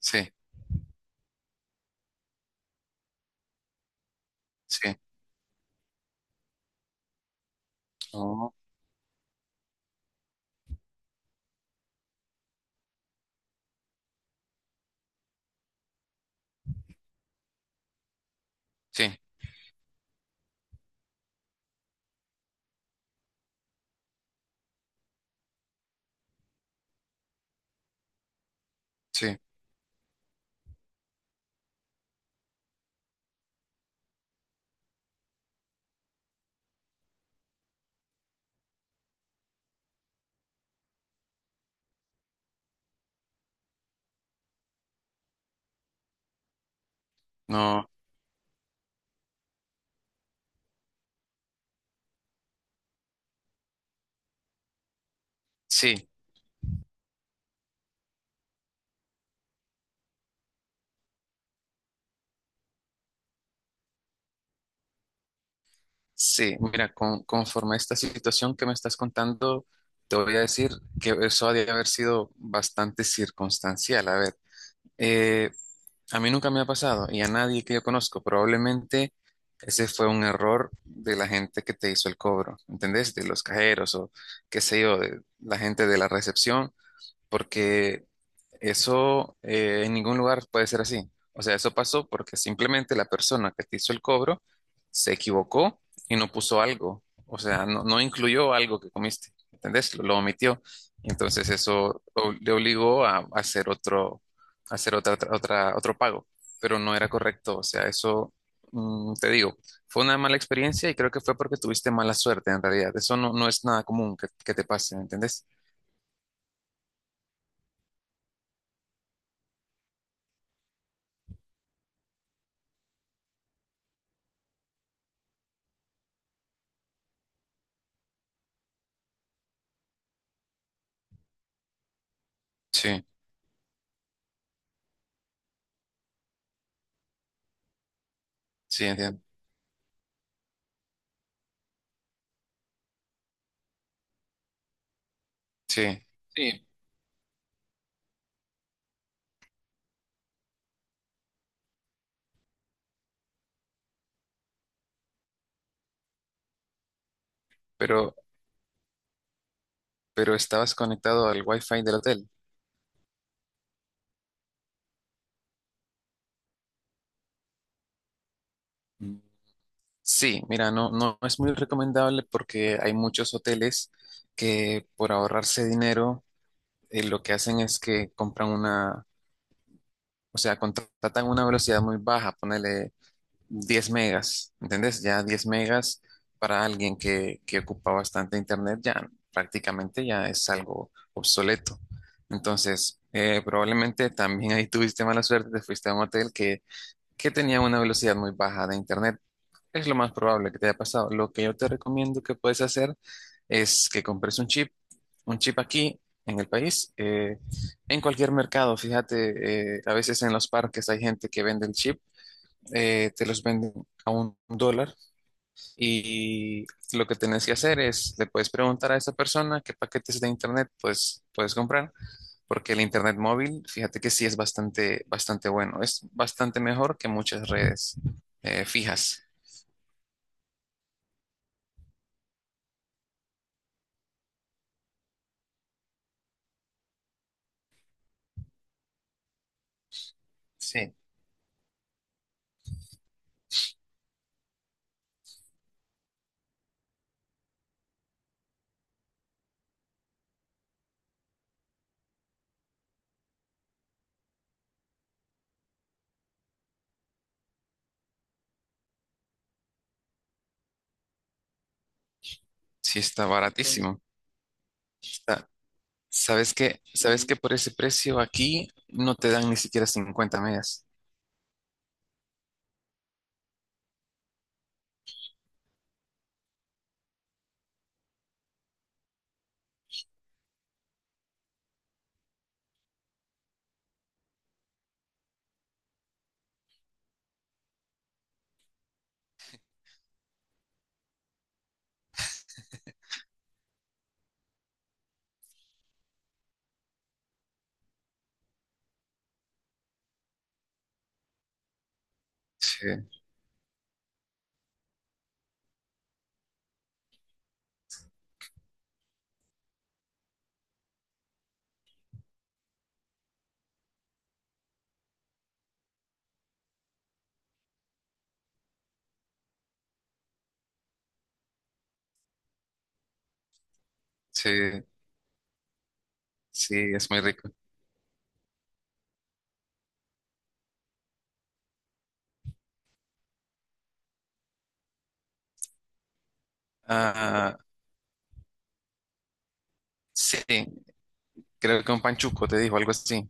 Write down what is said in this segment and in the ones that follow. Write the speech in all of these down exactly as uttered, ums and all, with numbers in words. Sí, sí, no, sí, sí, no, sí, sí. Mira, con, conforme a esta situación que me estás contando, te voy a decir que eso ha de haber sido bastante circunstancial. A ver, eh, a mí nunca me ha pasado y a nadie que yo conozco. Probablemente ese fue un error de la gente que te hizo el cobro, ¿entendés? De los cajeros o qué sé yo, de la gente de la recepción, porque eso eh, en ningún lugar puede ser así. O sea, eso pasó porque simplemente la persona que te hizo el cobro se equivocó y no puso algo. O sea, no, no incluyó algo que comiste. ¿Entendés? Lo, lo omitió. Entonces eso o- le obligó a, a hacer otro, a hacer otra, otra, otra- otro pago. Pero no era correcto. O sea, eso, mm, te digo, fue una mala experiencia y creo que fue porque tuviste mala suerte en realidad. Eso no, no es nada común que, que te pase, ¿entendés? Sí, sí, entiendo. Sí. Sí, Pero, pero estabas conectado al Wi-Fi del hotel. Mm. Sí, mira, no, no es muy recomendable porque hay muchos hoteles que por ahorrarse dinero, eh, lo que hacen es que compran una, o sea, contratan una velocidad muy baja, ponele diez megas, ¿entendés? Ya diez megas para alguien que, que ocupa bastante internet, ya prácticamente ya es algo obsoleto. Entonces, eh, probablemente también ahí tuviste mala suerte, te fuiste a un hotel que que tenía una velocidad muy baja de internet. Es lo más probable que te haya pasado. Lo que yo te recomiendo que puedes hacer es que compres un chip, un chip aquí en el país, eh, en cualquier mercado. Fíjate, eh, a veces en los parques hay gente que vende el chip, eh, te los venden a un dólar y lo que tenés que hacer es, le puedes preguntar a esa persona qué paquetes de internet pues, puedes comprar porque el internet móvil, fíjate que sí es bastante, bastante bueno. Es bastante mejor que muchas redes eh, fijas. Sí, sí está sí. Baratísimo. Está- ¿Sabes qué? ¿Sabes que por ese precio aquí no te dan ni siquiera cincuenta megas? Sí, sí, sí, es muy rico. Ah, sí, creo que un panchuco te dijo algo así.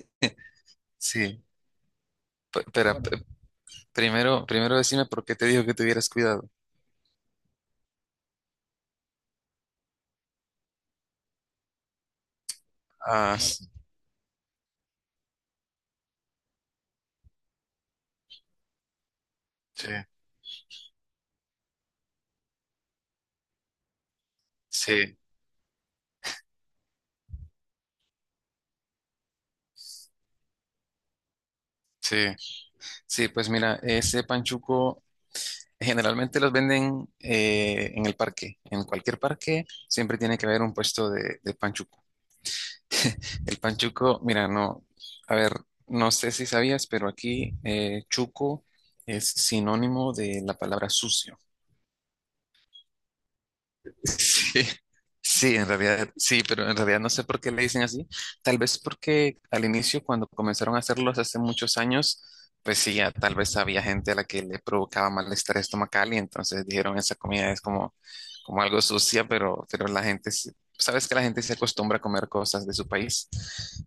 Sí, pe- pero bueno, pe- primero, primero decime por qué te dijo que tuvieras cuidado. Ah, bueno. Sí, sí, sí. Sí, pues mira, ese panchuco generalmente los venden eh, en el parque. En cualquier parque siempre tiene que haber un puesto de, de panchuco. El panchuco, mira, no, a ver, no sé si sabías, pero aquí eh, chuco es sinónimo de la palabra sucio. Sí, sí, en realidad, sí, pero en realidad no sé por qué le dicen así. Tal vez porque al inicio, cuando comenzaron a hacerlos hace muchos años, pues sí, ya tal vez había gente a la que le provocaba malestar estomacal y entonces dijeron esa comida es como, como algo sucia, pero, pero la gente, se- sabes que la gente se acostumbra a comer cosas de su país.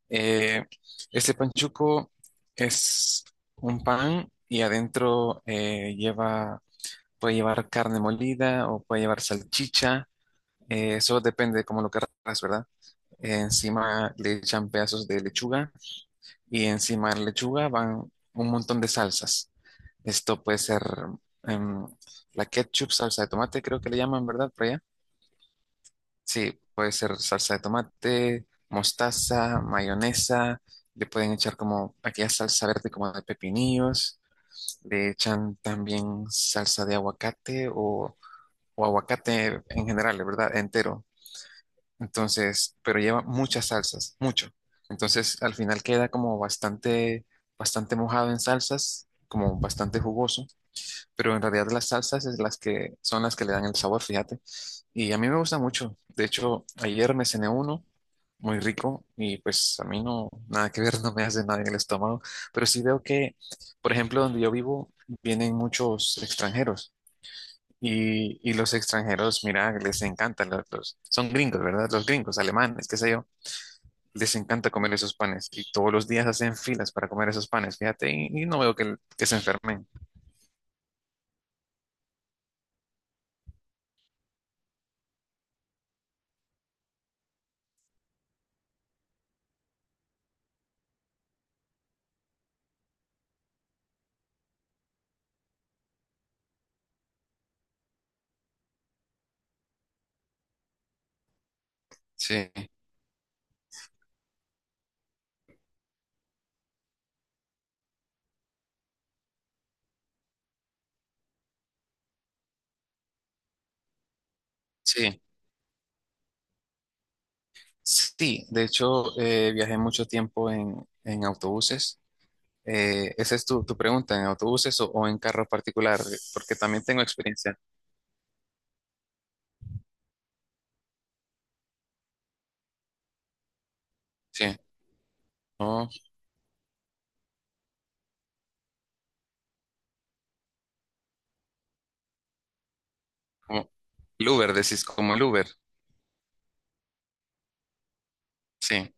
Eh, este panchuco es un pan y adentro eh, lleva, puede llevar carne molida o puede llevar salchicha, eh, eso depende como lo querrás, ¿verdad? Eh, encima le echan pedazos de lechuga y encima de la lechuga van un montón de salsas. Esto puede ser em, la ketchup, salsa de tomate, creo que le llaman, ¿verdad? Por allá. Sí, puede ser salsa de tomate, mostaza, mayonesa. Le pueden echar como aquella salsa verde como de pepinillos. Le echan también salsa de aguacate o, o aguacate en general, ¿verdad? Entero. Entonces, pero lleva muchas salsas, mucho. Entonces, al final queda como bastante, bastante mojado en salsas, como bastante jugoso, pero en realidad las salsas es las que son las que le dan el sabor, fíjate. Y a mí me gusta mucho. De hecho, ayer me cené uno muy rico y pues a mí no, nada que ver, no me hace nada en el estómago, pero sí veo que, por ejemplo, donde yo vivo, vienen muchos extranjeros. Y, y los extranjeros, mira, les encantan los, los- son gringos, ¿verdad? Los gringos, alemanes, qué sé yo, les encanta comer esos panes y todos los días hacen filas para comer esos panes, fíjate, y, y no veo que, que se enfermen. Sí, sí, sí, de hecho eh, viajé mucho tiempo en, en autobuses. Eh, esa es tu, tu pregunta, ¿en autobuses o, o en carro particular? Porque también tengo experiencia. Sí, oh, como el Uber, decís, como el Uber. Sí,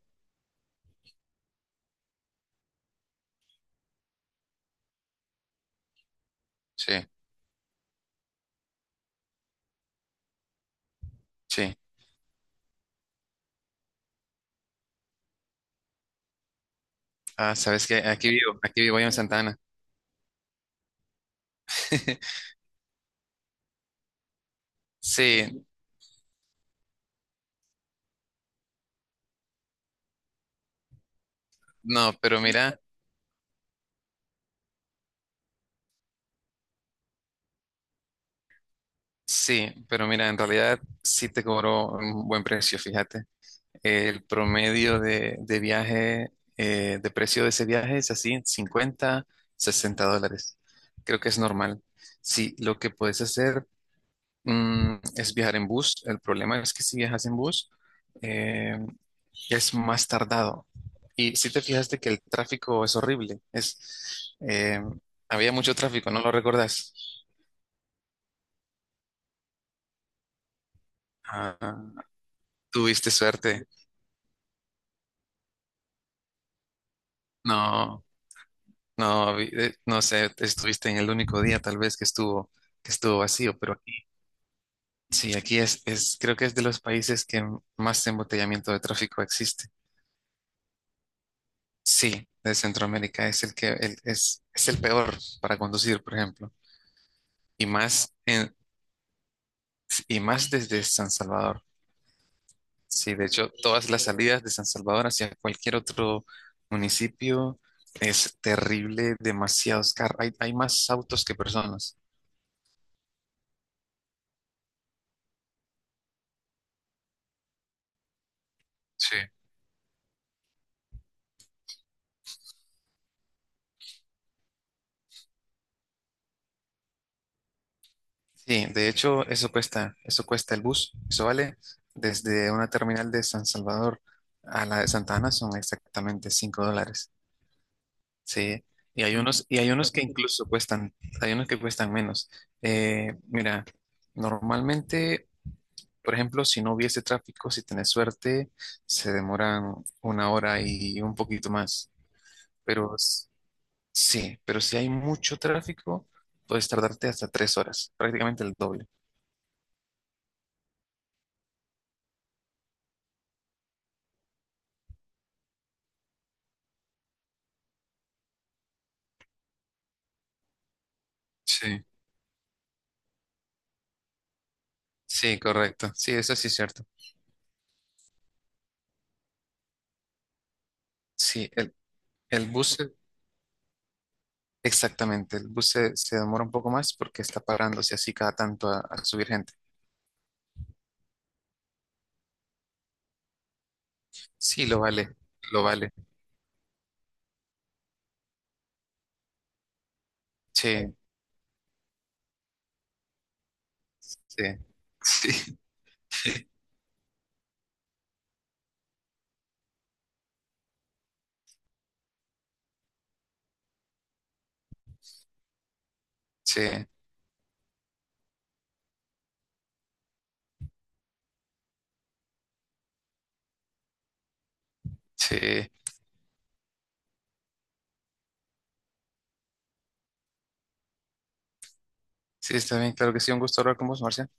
sí, sí. Ah, sabes que aquí vivo, aquí vivo yo en Santana. Sí, no, pero mira, sí, pero mira, en realidad sí te cobró un buen precio, fíjate. El promedio de, de viaje, eh, de precio de ese viaje es así, cincuenta, sesenta dólares. Creo que es normal. Sí, lo que puedes hacer, mm, es viajar en bus. El problema es que si viajas en bus, eh, es más tardado. Y si te fijaste que el tráfico es horrible, es, eh, había mucho tráfico, ¿no lo recordás? Ah, tuviste suerte. No, no, vi- eh, no sé, estuviste en el único día tal vez que estuvo, que estuvo vacío, pero aquí, sí, aquí es, es, creo que es de los países que m- más embotellamiento de tráfico existe. Sí, de Centroamérica es el que el- es, es el peor para conducir, por ejemplo, y más en- y más desde San Salvador. Sí, de hecho, todas las salidas de San Salvador hacia cualquier otro municipio es terrible, demasiados carros, hay, hay más autos que personas. Sí, Sí, de hecho, eso cuesta, eso cuesta el bus. Eso vale desde una terminal de San Salvador a la de Santa Ana son exactamente cinco dólares. Sí, y hay unos, y hay unos que incluso cuestan, hay unos que cuestan menos. Eh, mira, normalmente, por ejemplo, si no hubiese tráfico, si tenés suerte, se demoran una hora y un poquito más. Pero s- sí, pero si hay mucho tráfico, puedes tardarte hasta tres horas, prácticamente el doble. Sí. Sí, correcto. Sí, eso sí es cierto. Sí, el, el bus, se- exactamente, el bus se, se demora un poco más porque está parándose así cada tanto a, a subir gente. Sí, lo vale, lo vale. Sí, sí, sí, sí, sí, sí, está bien, claro que sí, un gusto hablar con vos, Marcia.